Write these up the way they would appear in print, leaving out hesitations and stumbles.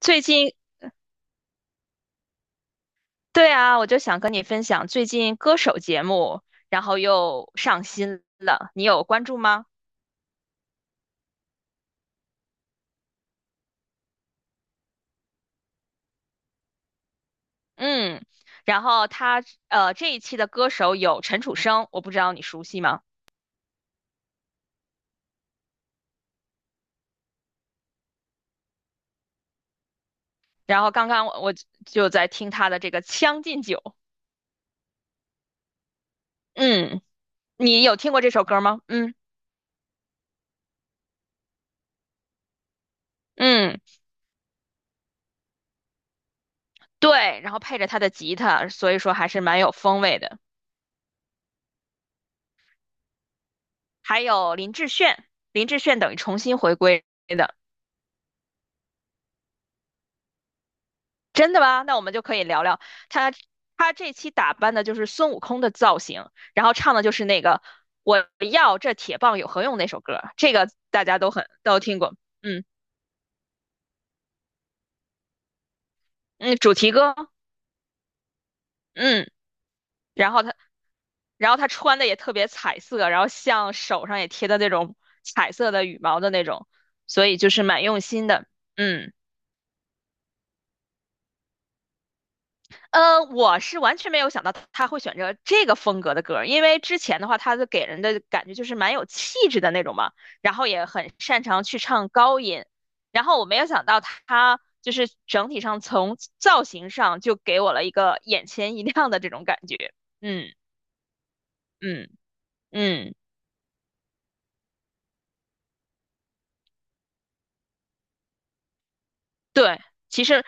最近，对啊，我就想跟你分享最近歌手节目，然后又上新了，你有关注吗？嗯，然后他这一期的歌手有陈楚生，我不知道你熟悉吗？然后刚刚我就在听他的这个《将进酒》，嗯，你有听过这首歌吗？嗯嗯，对，然后配着他的吉他，所以说还是蛮有风味的。还有林志炫，林志炫等于重新回归。真的吗？那我们就可以聊聊他。他这期打扮的就是孙悟空的造型，然后唱的就是那个"我要这铁棒有何用"那首歌，这个大家都听过。嗯嗯，主题歌。嗯，然后他，然后他穿的也特别彩色，然后像手上也贴的那种彩色的羽毛的那种，所以就是蛮用心的。嗯。我是完全没有想到他会选择这个风格的歌儿，因为之前的话，他的给人的感觉就是蛮有气质的那种嘛，然后也很擅长去唱高音，然后我没有想到他就是整体上从造型上就给我了一个眼前一亮的这种感觉，嗯嗯嗯，对，其实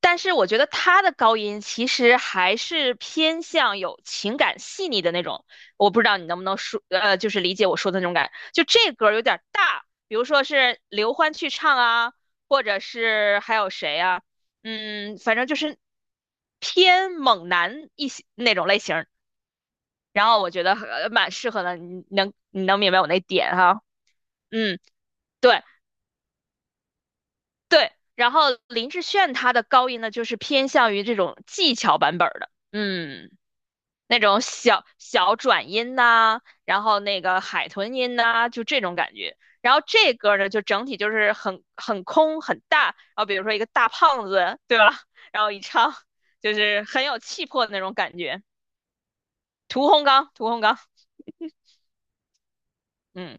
但是我觉得他的高音其实还是偏向有情感细腻的那种，我不知道你能不能说，就是理解我说的那种感。就这歌有点大，比如说是刘欢去唱啊，或者是还有谁啊，嗯，反正就是偏猛男一些那种类型儿。然后我觉得蛮适合的，你能明白我那点哈？嗯，对对。然后林志炫他的高音呢，就是偏向于这种技巧版本儿的，嗯。那种小小转音呐、然后那个海豚音呐、就这种感觉。然后这歌呢，就整体就是很空很大，然后比如说一个大胖子，对吧？然后一唱就是很有气魄的那种感觉。屠洪刚，屠洪刚，嗯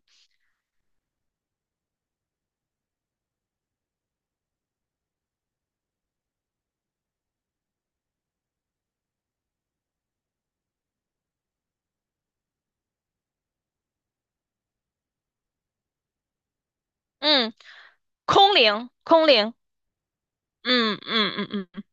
嗯，空灵，空灵，嗯嗯嗯嗯。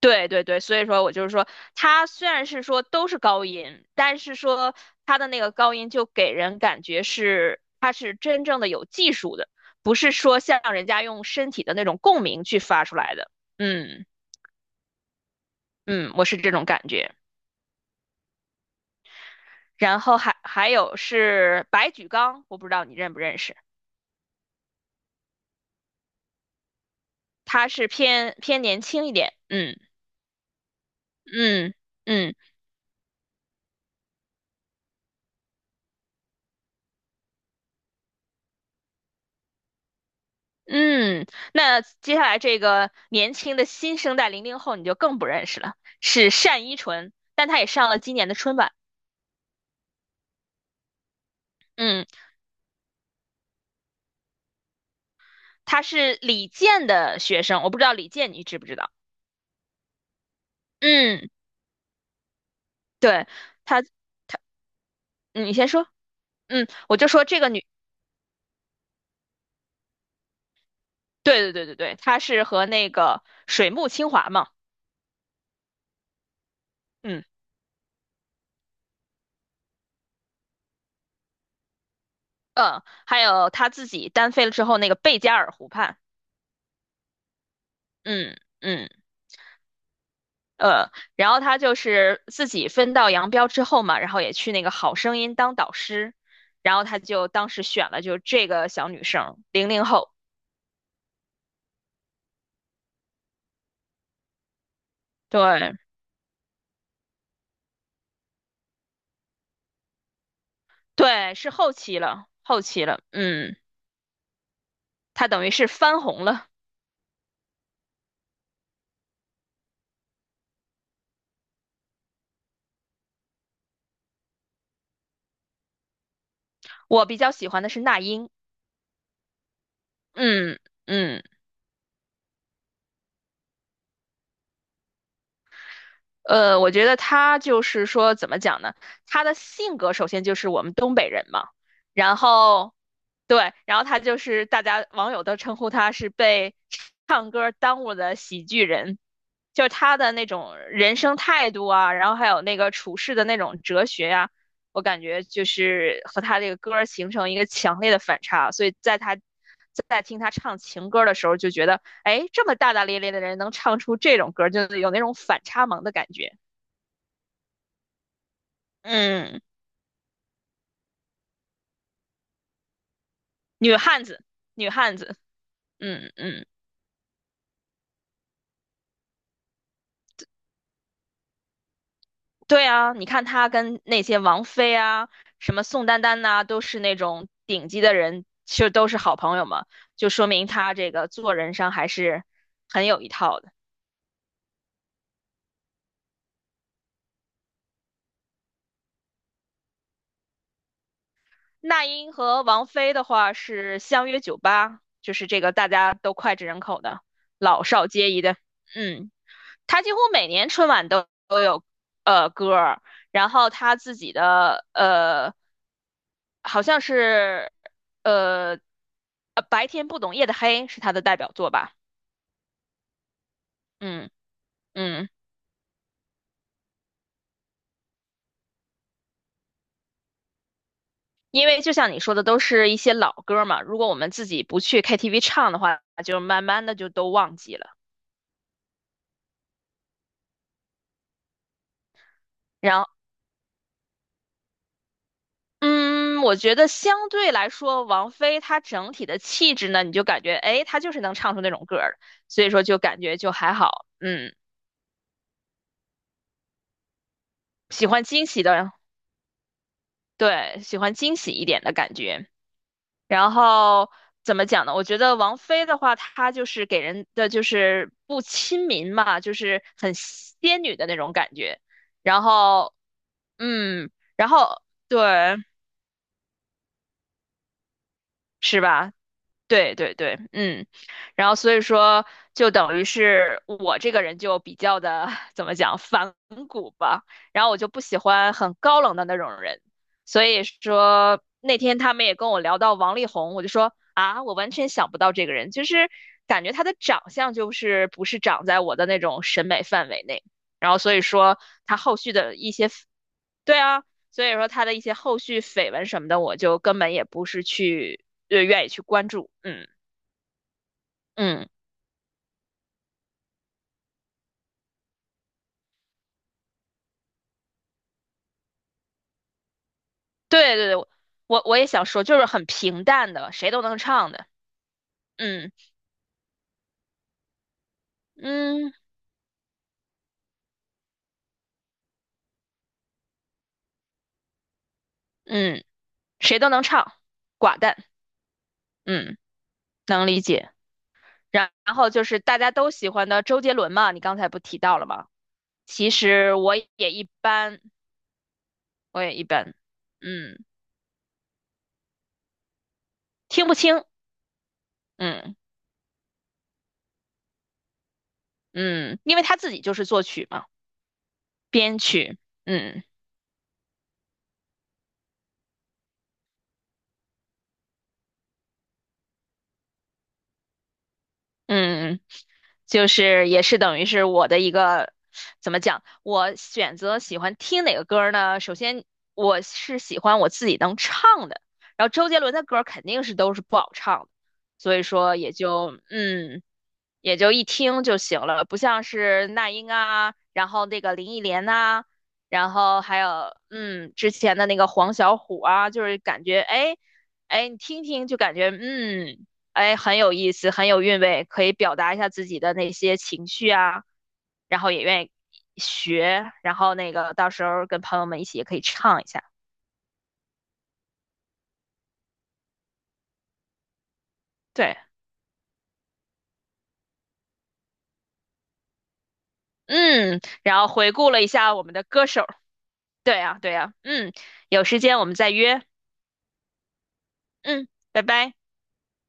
对对对，所以说我就是说，它虽然是说都是高音，但是说它的那个高音就给人感觉是它是真正的有技术的，不是说像人家用身体的那种共鸣去发出来的。嗯嗯，我是这种感觉。然后还有是白举纲，我不知道你认不认识，他是偏偏年轻一点。嗯嗯嗯。嗯，那接下来这个年轻的新生代零零后你就更不认识了，是单依纯，但她也上了今年的春晚。嗯，她是李健的学生，我不知道李健你知不知道？嗯，对，她，嗯你先说。嗯，我就说这个女，对对对对对，她是和那个水木清华嘛。嗯嗯，还有她自己单飞了之后那个贝加尔湖畔。嗯嗯。呃，然后他就是自己分道扬镳之后嘛，然后也去那个《好声音》当导师，然后他就当时选了就这个小女生，零零后，对对，是后期了，后期了，嗯，她等于是翻红了。我比较喜欢的是那英，嗯嗯。我觉得他就是说，怎么讲呢？他的性格首先就是我们东北人嘛，然后对，然后他就是大家网友都称呼他是被唱歌耽误的喜剧人，就是他的那种人生态度啊，然后还有那个处事的那种哲学呀、我感觉就是和他这个歌儿形成一个强烈的反差，所以在他在听他唱情歌的时候，就觉得哎，这么大大咧咧的人能唱出这种歌就是有那种反差萌的感觉。嗯，女汉子，女汉子。嗯嗯，对啊，你看她跟那些王菲啊，什么宋丹丹呐、都是那种顶级的人，其实都是好朋友嘛，就说明她这个做人上还是很有一套的。那英和王菲的话是相约酒吧，就是这个大家都脍炙人口的，老少皆宜的。嗯。他几乎每年春晚都有歌儿，然后他自己的好像是呃白天不懂夜的黑是他的代表作吧，嗯嗯，因为就像你说的，都是一些老歌嘛，如果我们自己不去 KTV 唱的话，就慢慢的就都忘记了，然后。嗯，我觉得相对来说，王菲她整体的气质呢，你就感觉，哎，她就是能唱出那种歌儿的所以说就感觉就还好，嗯。喜欢惊喜的，对，喜欢惊喜一点的感觉。然后怎么讲呢？我觉得王菲的话，她就是给人的就是不亲民嘛，就是很仙女的那种感觉。然后，嗯，然后对，是吧？对对对，嗯，然后所以说，就等于是我这个人就比较的 怎么讲反骨吧，然后我就不喜欢很高冷的那种人，所以说那天他们也跟我聊到王力宏，我就说啊，我完全想不到这个人，就是感觉他的长相就是不是长在我的那种审美范围内，然后所以说他后续的一些，对啊，所以说他的一些后续绯闻什么的，我就根本也不是去愿意去关注。嗯嗯，对对对，我也想说，就是很平淡的，谁都能唱的。嗯嗯嗯，谁都能唱，寡淡。嗯，能理解。然然后就是大家都喜欢的周杰伦嘛，你刚才不提到了吗？其实我也一般，我也一般。嗯，听不清。嗯嗯，因为他自己就是作曲嘛，编曲。嗯。嗯，就是也是等于是我的一个，怎么讲？我选择喜欢听哪个歌儿呢？首先我是喜欢我自己能唱的，然后周杰伦的歌儿肯定是都是不好唱的，所以说也就嗯。也就一听就行了，不像是那英啊，然后那个林忆莲呐、然后还有嗯之前的那个黄小琥啊，就是感觉哎哎你听听就感觉嗯哎很有意思，很有韵味，可以表达一下自己的那些情绪啊，然后也愿意学，然后那个到时候跟朋友们一起也可以唱一下，对，嗯，然后回顾了一下我们的歌手，对呀、对呀、嗯，有时间我们再约，嗯，拜拜。